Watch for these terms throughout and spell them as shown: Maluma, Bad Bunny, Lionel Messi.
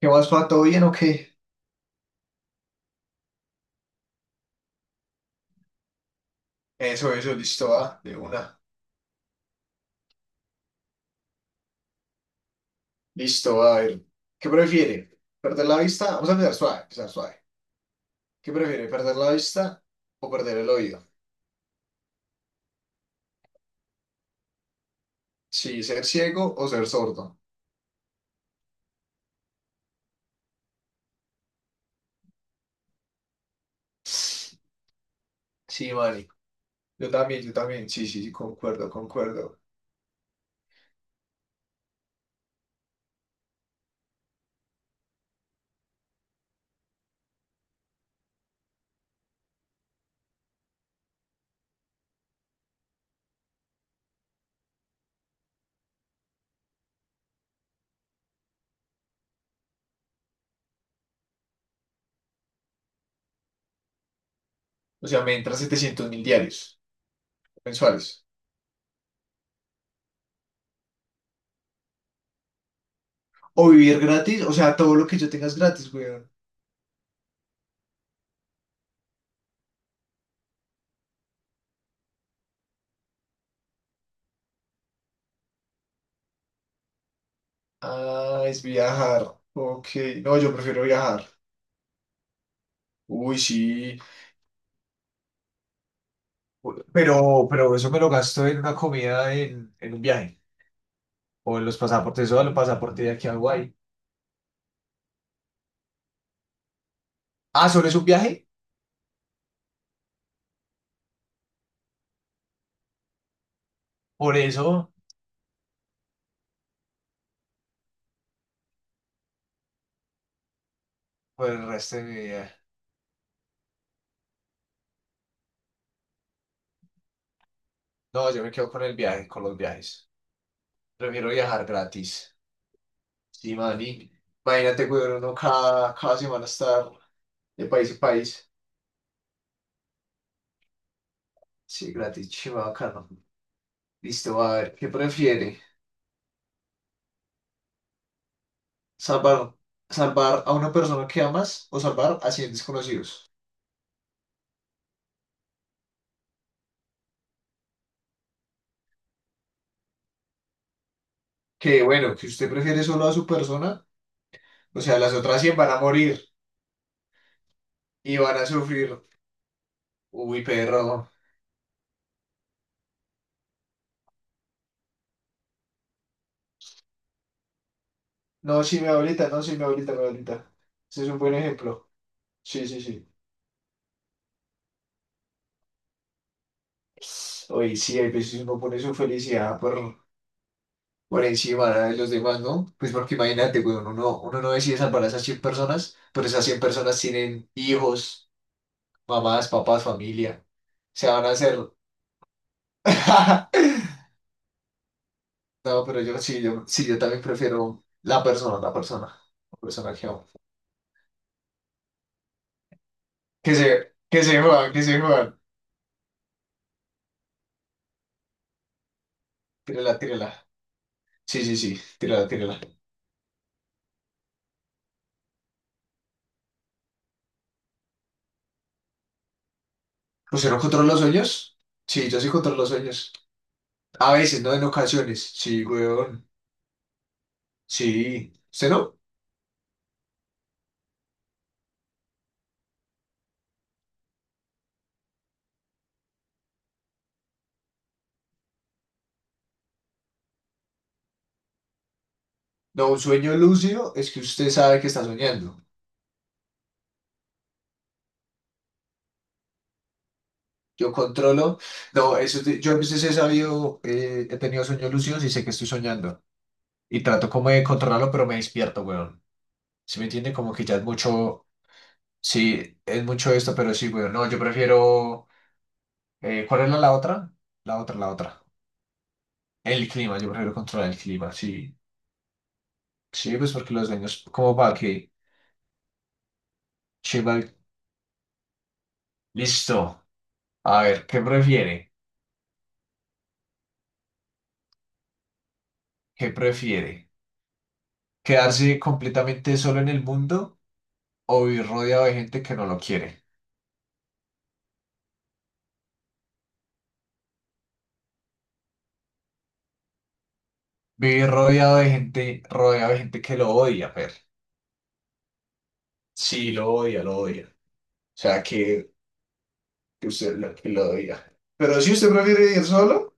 ¿Qué más, pa? ¿Todo bien o qué? Eso, listo, va, de una. Listo, a ver. ¿Qué prefiere? ¿Perder la vista? Vamos a empezar suave, empezar suave. ¿Qué prefiere? ¿Perder la vista o perder el oído? Sí, ser ciego o ser sordo. Sí, Mari. Yo también, yo también. Sí, sí, sí, concuerdo, concuerdo. O sea, me entran 700.000 diarios mensuales. O vivir gratis, o sea, todo lo que yo tenga es gratis, weón. Ah, es viajar. Ok, no, yo prefiero viajar. Uy, sí. Pero eso me lo gasto en una comida en un viaje. O en los pasaportes, o en los pasaportes de aquí a Hawái. Ah, ¿solo es un viaje? Por eso, por el resto de mi vida. No, yo me quedo con el viaje, con los viajes. Prefiero viajar gratis. Sí, mani. Imagínate, weón, uno cada semana estar de país a país. Sí, gratis, chima, bacano. Listo, a ver, ¿qué prefiere? Salvar, salvar a una persona que amas o salvar a 100 desconocidos. Que bueno, que usted prefiere solo a su persona, o sea, las otras 100 van a morir y van a sufrir. Uy, perro. No, sí, mi abuelita, no, sí, mi abuelita, mi abuelita. Ese es un buen ejemplo. Sí, sí, sí. Oye, sí, hay veces uno pone su felicidad por encima de los demás, ¿no? Pues porque imagínate, güey, uno no decide salvar a esas 100 personas, pero esas 100 personas tienen hijos, mamás, papás, familia se van a hacer No, pero yo sí, yo sí, yo también prefiero la persona, la persona, la persona que amo. Que se jodan, que se jodan. Tírala, tírala. Sí, sí, sí, tírala, tírala. ¿Usted no controla los sueños? Sí, yo sí controlo los sueños. A veces, no en ocasiones. Sí, weón. Sí. ¿Usted no? No, un sueño lúcido es que usted sabe que está soñando. Yo controlo. No, yo a veces he sabido, he tenido sueños lúcidos y sé que estoy soñando. Y trato como de controlarlo, pero me despierto, weón. ¿Si me entiende? Como que ya es mucho, sí, es mucho esto, pero sí, güey, no, yo prefiero, ¿cuál era la otra? La otra, la otra. El clima, yo prefiero controlar el clima, sí. Sí, pues porque los daños, como para que, Chival, listo. A ver, ¿qué prefiere? ¿Qué prefiere? ¿Quedarse completamente solo en el mundo o vivir rodeado de gente que no lo quiere? Vivir rodeado de gente que lo odia, Fer. Sí, lo odia, lo odia. O sea, que usted lo, que lo diga. Pero si usted prefiere ir solo,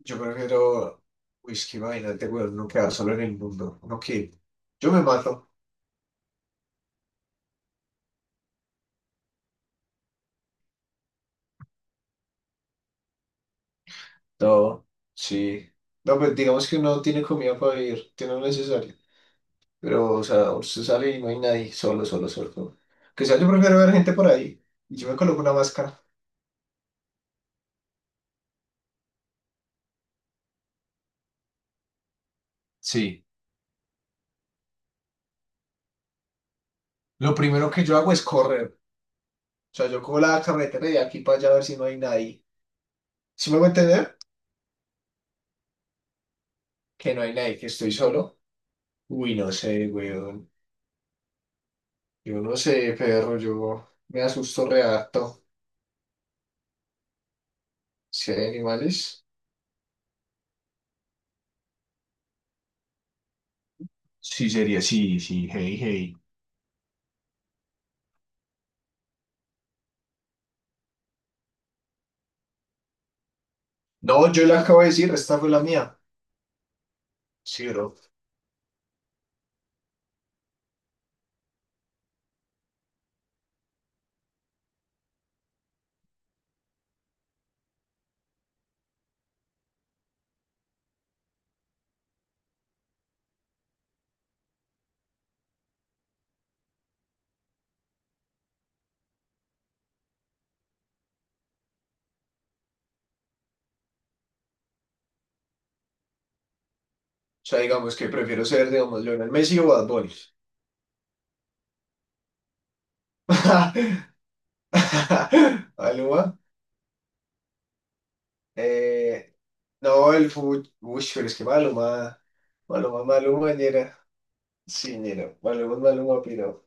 yo prefiero, uy, es que imagínate, weón, no quedar solo en el mundo. Yo me mato. No, sí. No, pues digamos que no tiene comida para vivir, tiene lo necesario. Pero, o sea, usted sale y no hay nadie, solo, solo, solo. Que sea, yo prefiero ver gente por ahí. Y yo me coloco una máscara. Sí. Lo primero que yo hago es correr. O sea, yo cojo la carretera de aquí para allá a ver si no hay nadie. ¿Si me voy a entender? Que no hay nadie, que estoy solo. Uy, no sé, güey. Yo no sé, perro, yo me asusto reacto. Si hay animales. Sí, sería, sí, sí, hey, hey. No, yo le acabo de decir, esta fue la mía. Sí, bro. O sea, digamos que prefiero ser, digamos, Lionel Messi o Bad Bunny. Maluma. Eh, no, el fútbol. Uy, pero es que Maluma. Maluma, Maluma, ñera. Sí, ñera. Maluma, Maluma, pero.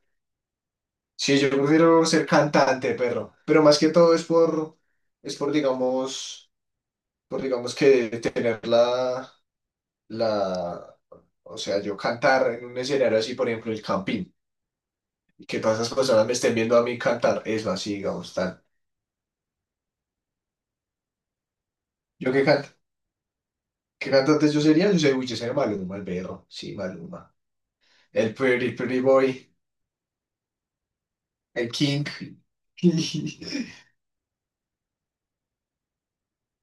Sí, yo prefiero ser cantante, perro. Pero más que todo es por. Es por, digamos. Pues digamos que tener la, o sea, yo cantar en un escenario así, por ejemplo, el Campín, y que todas esas personas me estén viendo a mí cantar, eso así, digamos, tal. ¿Yo qué canto? ¿Qué cantante yo sería? Yo soy Maluma, el perro, sí, Maluma. El Pretty Pretty Boy, el King.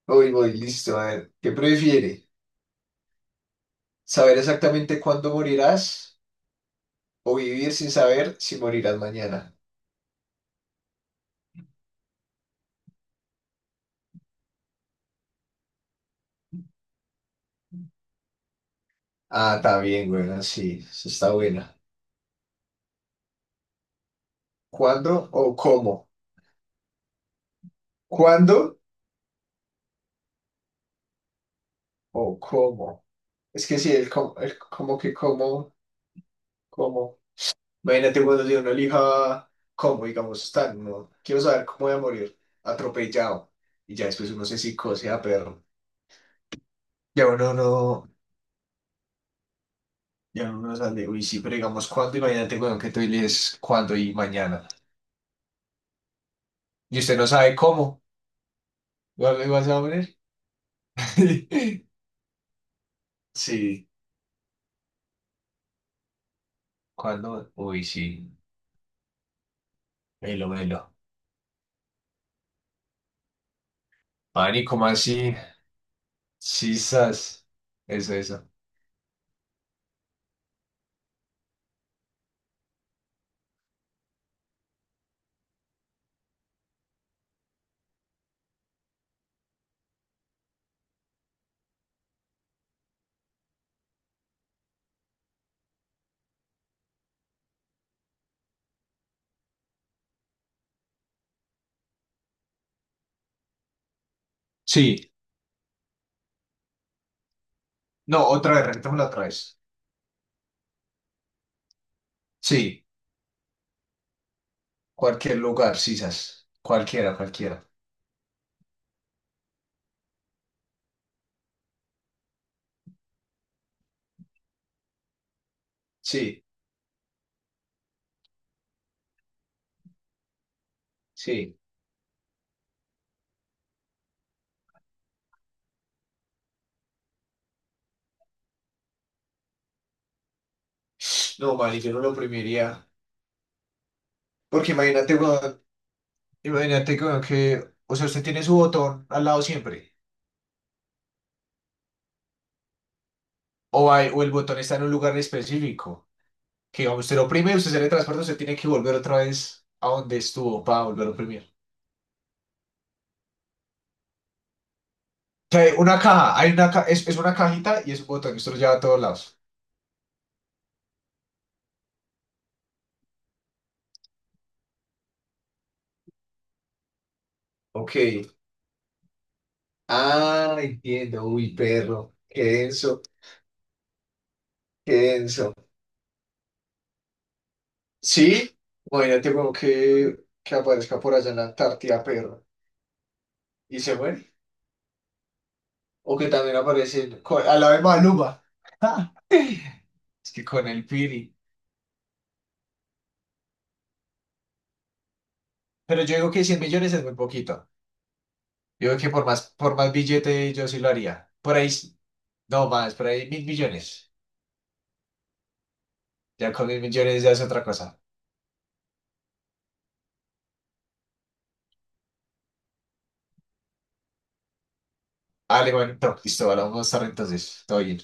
Uy, voy, listo, a ver, ¿qué prefiere? ¿Saber exactamente cuándo morirás o vivir sin saber si morirás mañana? Ah, está bien, bueno, sí, eso está buena. ¿Cuándo o cómo? ¿Cuándo o cómo? Es que sí, el como que cómo, cómo. Imagínate cuando si uno elija cómo, digamos, tan, no, quiero saber cómo voy a morir, atropellado. Y ya después uno se psicose a perro. Ya uno no, ya uno no sale. Uy, sí, pero digamos, ¿cuándo? Imagínate, weón, que tú eliges cuándo y mañana. Y usted no sabe cómo. ¿Vas a morir? Sí. ¿Cuándo? Uy, sí. Velo, velo. Mani, ¿cómo así? Sisas. Eso, eso. Sí. No, otra vez, rentémosla otra vez. Sí, cualquier lugar, sisas. Cualquiera, cualquiera. Sí, sí. No, man, yo no lo oprimiría. Porque imagínate weón, que, o sea, usted tiene su botón al lado siempre. O, o el botón está en un lugar específico. Que digamos, usted lo oprime, usted se le transporta, usted tiene que volver otra vez a donde estuvo para volver a oprimir. O sea, hay una caja, es una cajita y es un botón, usted lo lleva a todos lados. Ok. Ah, entiendo. Uy, perro. Qué denso. Qué denso. Sí, imagínate como que aparezca por allá en la Antártida, perro, y se muere. O que también aparecen a la vez Maluma. Es que con el Piri. Pero yo digo que 100.000.000 es muy poquito. Yo digo que por más, billete yo sí lo haría. Por ahí, no más, por ahí 1.000.000.000. Ya con 1.000.000.000 ya es otra cosa. Vale, bueno, no, listo, vale, vamos a estar entonces. Todo bien.